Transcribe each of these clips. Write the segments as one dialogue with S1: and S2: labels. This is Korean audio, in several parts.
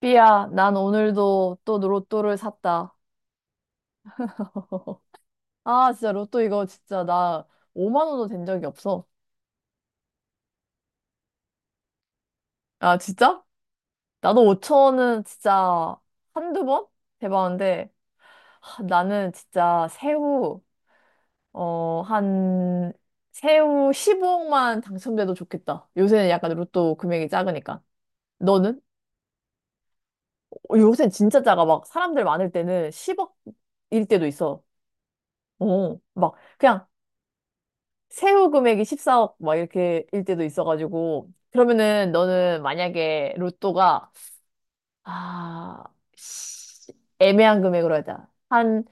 S1: 삐야, 난 오늘도 또 로또를 샀다. 아, 진짜 로또 이거 진짜 나 5만 원도 된 적이 없어. 아, 진짜? 나도 5천 원은 진짜 한두 번? 대박인데, 하, 나는 진짜 어, 한, 새우 15억만 당첨돼도 좋겠다. 요새는 약간 로또 금액이 작으니까. 너는? 어, 요새는 진짜 작아. 막 사람들 많을 때는 10억일 때도 있어. 어, 막 그냥 세후 금액이 14억 막 이렇게 일 때도 있어가지고, 그러면은 너는 만약에 로또가 아 시- 애매한 금액으로 하자. 한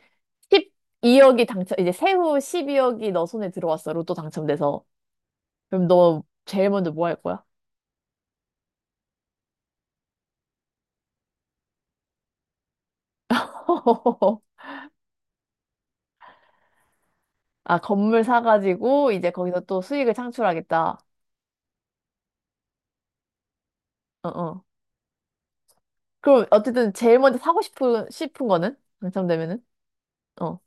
S1: 12억이 당첨, 이제 세후 12억이 너 손에 들어왔어, 로또 당첨돼서. 그럼 너 제일 먼저 뭐 할 거야? 아, 건물 사가지고 이제 거기서 또 수익을 창출하겠다. 어어, 그럼 어쨌든 제일 먼저 사고 싶은 거는, 당첨되면은. 어,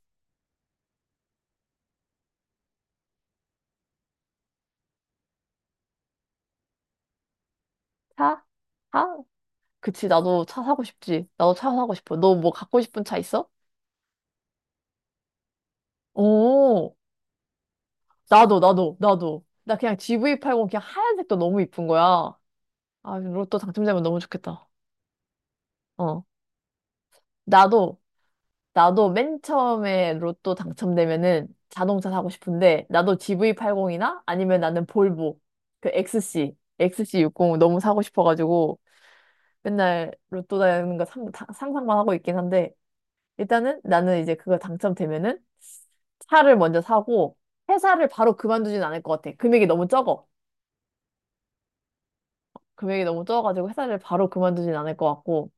S1: 사? 사? 그치, 나도 차 사고 싶지. 나도 차 사고 싶어. 너 뭐 갖고 싶은 차 있어? 오, 나도, 나도, 나도. 나 그냥 GV80 그냥 하얀색도 너무 이쁜 거야. 아, 로또 당첨되면 너무 좋겠다. 어. 나도, 나도 맨 처음에 로또 당첨되면은 자동차 사고 싶은데, 나도 GV80이나, 아니면 나는 볼보, 그 XC, XC60 너무 사고 싶어가지고. 맨날 로또 되는 거 상상만 하고 있긴 한데, 일단은 나는 이제 그거 당첨되면은 차를 먼저 사고, 회사를 바로 그만두진 않을 것 같아. 금액이 너무 적어. 금액이 너무 적어가지고 회사를 바로 그만두진 않을 것 같고.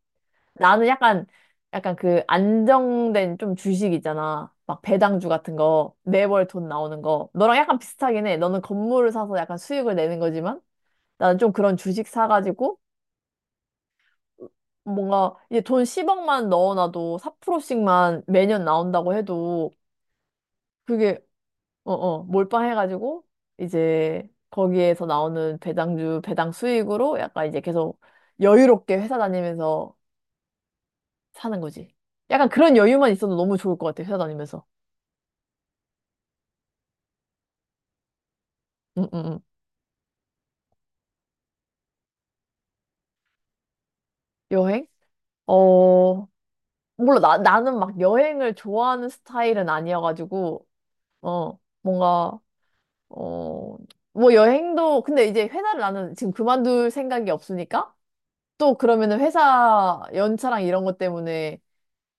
S1: 나는 약간 그 안정된 좀 주식 있잖아. 막 배당주 같은 거 매월 돈 나오는 거, 너랑 약간 비슷하긴 해. 너는 건물을 사서 약간 수익을 내는 거지만, 나는 좀 그런 주식 사가지고 뭔가, 이제 돈 10억만 넣어놔도 4%씩만 매년 나온다고 해도. 그게 어어, 몰빵해가지고 이제 거기에서 나오는 배당주 배당 수익으로 약간 이제 계속 여유롭게 회사 다니면서 사는 거지. 약간 그런 여유만 있어도 너무 좋을 것 같아, 회사 다니면서. 응응응. 여행? 어, 몰라. 나 나는 막 여행을 좋아하는 스타일은 아니어가지고. 어, 뭔가, 어, 뭐 여행도. 근데 이제 회사를 나는 지금 그만둘 생각이 없으니까, 또 그러면은 회사 연차랑 이런 것 때문에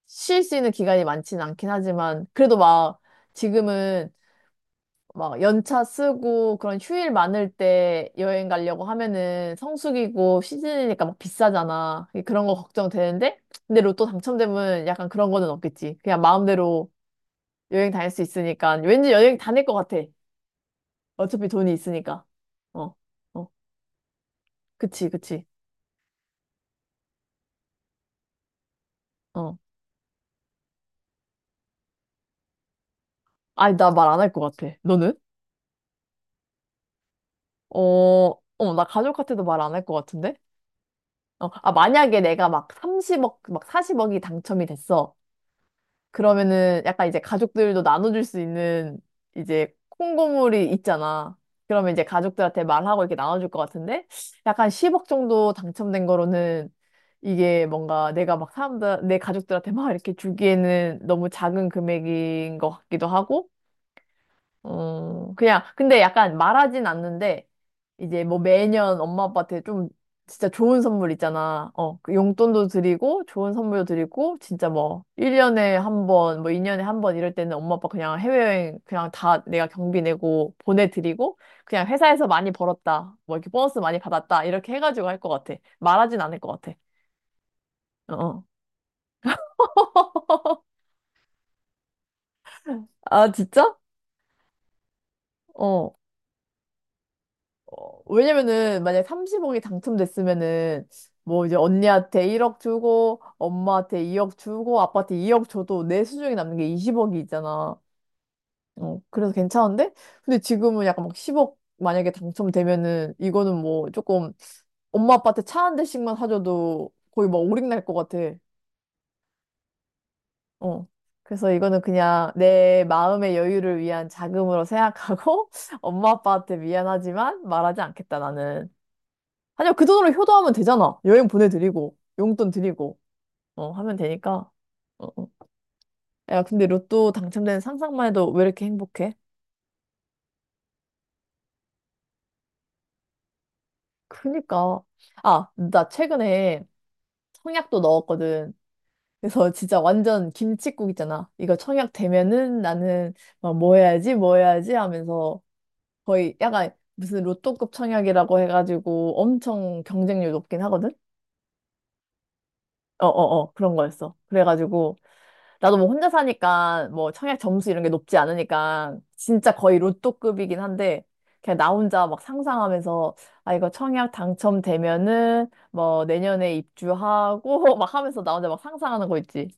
S1: 쉴 수 있는 기간이 많지는 않긴 하지만, 그래도 막 지금은, 막 연차 쓰고 그런 휴일 많을 때 여행 가려고 하면은 성수기고 시즌이니까 막 비싸잖아. 그런 거 걱정되는데, 근데 로또 당첨되면 약간 그런 거는 없겠지. 그냥 마음대로 여행 다닐 수 있으니까 왠지 여행 다닐 것 같아. 어차피 돈이 있으니까. 어, 어, 그치, 그치. 어. 아니, 나 말 안 할 것 같아. 너는? 어, 어, 나 가족한테도 말 안 할 것 같은데? 어, 아, 만약에 내가 막 30억, 막 40억이 당첨이 됐어. 그러면은 약간 이제 가족들도 나눠줄 수 있는, 이제 콩고물이 있잖아. 그러면 이제 가족들한테 말하고 이렇게 나눠줄 것 같은데, 약간 10억 정도 당첨된 거로는, 이게 뭔가 내가 막 내 가족들한테 막 이렇게 주기에는 너무 작은 금액인 것 같기도 하고. 어, 그냥, 근데 약간 말하진 않는데, 이제 뭐 매년 엄마 아빠한테 좀 진짜 좋은 선물 있잖아. 어, 그 용돈도 드리고, 좋은 선물도 드리고, 진짜 뭐, 1년에 한 번, 뭐 2년에 한번 이럴 때는 엄마 아빠 그냥 해외여행 그냥 다 내가 경비 내고 보내드리고, 그냥 회사에서 많이 벌었다, 뭐 이렇게 보너스 많이 받았다, 이렇게 해가지고 할 것 같아. 말하진 않을 것 같아. 어. 어. 아, 진짜? 어. 어, 왜냐면은 만약에 30억이 당첨됐으면은 뭐 이제 언니한테 1억 주고, 엄마한테 2억 주고, 아빠한테 2억 줘도 내 수중에 남는 게 20억이 있잖아. 어, 그래서 괜찮은데? 근데 지금은 약간 막 10억 만약에 당첨되면은, 이거는 뭐 조금 엄마 아빠한테 차 한 대씩만 사줘도 거의 막 오링날 것 같아. 어. 그래서 이거는 그냥 내 마음의 여유를 위한 자금으로 생각하고, 엄마 아빠한테 미안하지만 말하지 않겠다 나는. 아니야, 그 돈으로 효도하면 되잖아. 여행 보내드리고, 용돈 드리고, 어, 하면 되니까. 어, 어. 야, 근데 로또 당첨되는 상상만 해도 왜 이렇게 행복해? 그니까. 아, 나 최근에 청약도 넣었거든. 그래서 진짜 완전 김칫국 있잖아. 이거 청약 되면은 나는 막, 뭐 해야지, 뭐 해야지 하면서, 거의 약간 무슨 로또급 청약이라고 해가지고 엄청 경쟁률 높긴 하거든? 어어어, 그런 거였어. 그래가지고 나도 뭐 혼자 사니까, 뭐 청약 점수 이런 게 높지 않으니까 진짜 거의 로또급이긴 한데, 그냥 나 혼자 막 상상하면서, 아 이거 청약 당첨되면은 뭐 내년에 입주하고 막 하면서 나 혼자 막 상상하는 거 있지.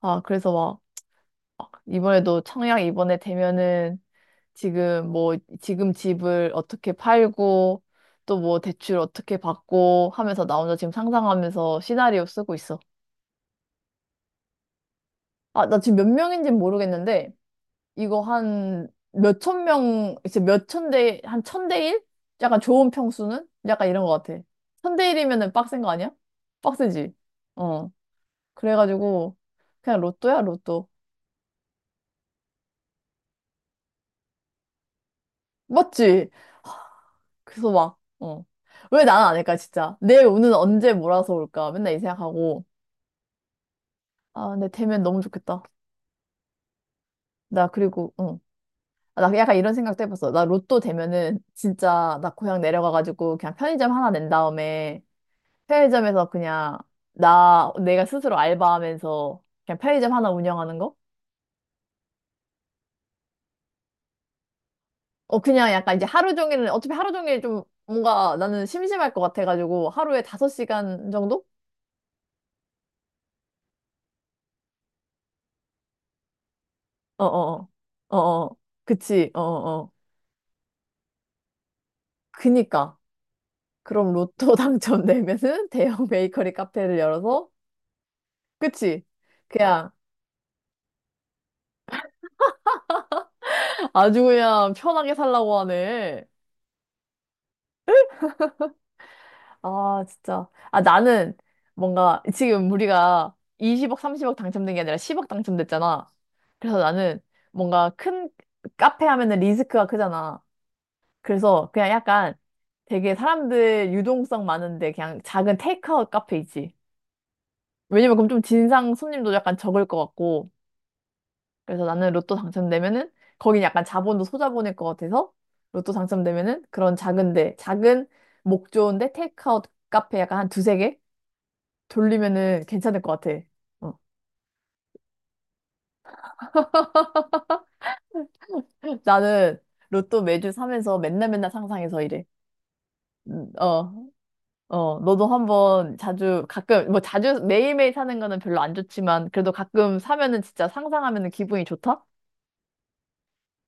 S1: 아, 그래서 막 이번에도 청약 이번에 되면은, 지금 집을 어떻게 팔고, 또 뭐 대출 어떻게 받고 하면서 나 혼자 지금 상상하면서 시나리오 쓰고 있어. 아, 나 지금 몇 명인지는 모르겠는데, 이거 한 몇천 명, 이제 몇천 대, 한 천 대 일? 약간 좋은 평수는? 약간 이런 것 같아. 천 대 일이면은 빡센 거 아니야? 빡세지? 어. 그래가지고, 그냥 로또야, 로또. 맞지? 그래서 막, 어. 왜 나는 안 할까, 진짜? 내 운은 언제 몰아서 올까? 맨날 이 생각하고. 아, 근데 되면 너무 좋겠다. 나 그리고, 응. 아, 나 약간 이런 생각도 해봤어. 나 로또 되면은 진짜 나 고향 내려가가지고 그냥 편의점 하나 낸 다음에, 편의점에서 그냥 나 내가 스스로 알바하면서 그냥 편의점 하나 운영하는 거? 어, 그냥 약간 이제 하루 종일은, 어차피 하루 종일 좀 뭔가 나는 심심할 것 같아가지고, 하루에 다섯 시간 정도? 어, 어어, 어어, 그치. 어어어, 그니까. 그럼 로또 당첨되면은 대형 베이커리 카페를 열어서. 그치, 그냥 아주 그냥 편하게 살라고 하네. 아, 진짜. 아, 나는 뭔가 지금 우리가 20억, 30억 당첨된 게 아니라 10억 당첨됐잖아. 그래서 나는 뭔가 큰 카페 하면은 리스크가 크잖아. 그래서 그냥 약간 되게 사람들 유동성 많은데 그냥 작은 테이크아웃 카페 있지. 왜냐면 그럼 좀 진상 손님도 약간 적을 것 같고. 그래서 나는 로또 당첨되면은 거긴 약간 자본도 소자본일 것 같아서, 로또 당첨되면은 그런 작은데, 작은 목 좋은데 테이크아웃 카페 약간 한 두세 개? 돌리면은 괜찮을 것 같아. 어. 나는 로또 매주 사면서 맨날 맨날 상상해서 이래. 어, 어, 너도 한번, 자주, 가끔, 뭐 자주 매일매일 사는 거는 별로 안 좋지만, 그래도 가끔 사면은 진짜 상상하면은 기분이 좋다?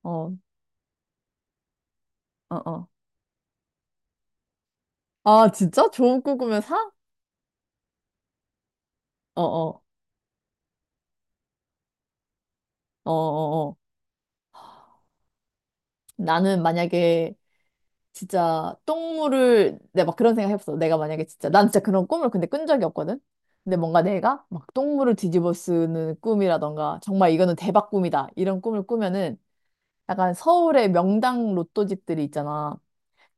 S1: 어, 어, 어. 아, 진짜? 좋은 꿈 꾸면 사? 어, 어, 어, 어, 어. 나는 만약에 진짜 똥물을, 내가 막 그런 생각 해봤어. 내가 만약에 진짜, 난 진짜 그런 꿈을 근데 꾼 적이 없거든. 근데 뭔가 내가 막 똥물을 뒤집어 쓰는 꿈이라던가, 정말 이거는 대박 꿈이다, 이런 꿈을 꾸면은 약간 서울의 명당 로또집들이 있잖아.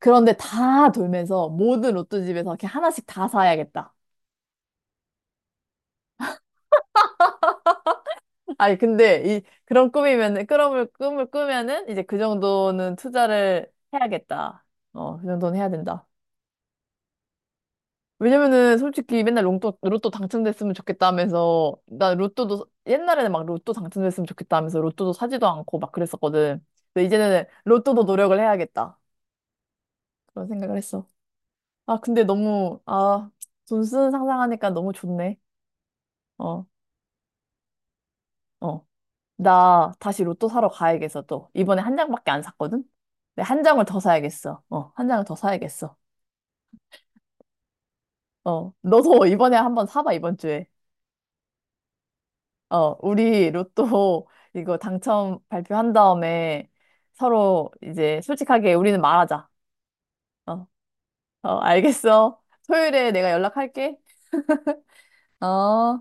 S1: 그런데 다 돌면서 모든 로또집에서 이렇게 하나씩 다 사야겠다. 아니, 근데 이 그런 꿈이면은, 그런 꿈을 꾸면은 이제 그 정도는 투자를 해야겠다. 어, 그 정도는 해야 된다. 왜냐면은 솔직히 맨날 로또, 로또 당첨됐으면 좋겠다 하면서, 나 로또도, 옛날에는 막 로또 당첨됐으면 좋겠다 하면서 로또도 사지도 않고 막 그랬었거든. 근데 이제는 로또도 노력을 해야겠다, 그런 생각을 했어. 아, 근데 너무, 아, 돈 쓰는 상상하니까 너무 좋네. 어, 어. 나 다시 로또 사러 가야겠어, 또. 이번에 한 장밖에 안 샀거든? 근데 한 장을 더 사야겠어. 어, 한 장을 더 사야겠어. 어, 너도 이번에 한번 사봐, 이번 주에. 어, 우리 로또 이거 당첨 발표한 다음에 서로 이제 솔직하게 우리는 말하자. 어, 어, 알겠어. 토요일에 내가 연락할게. 어.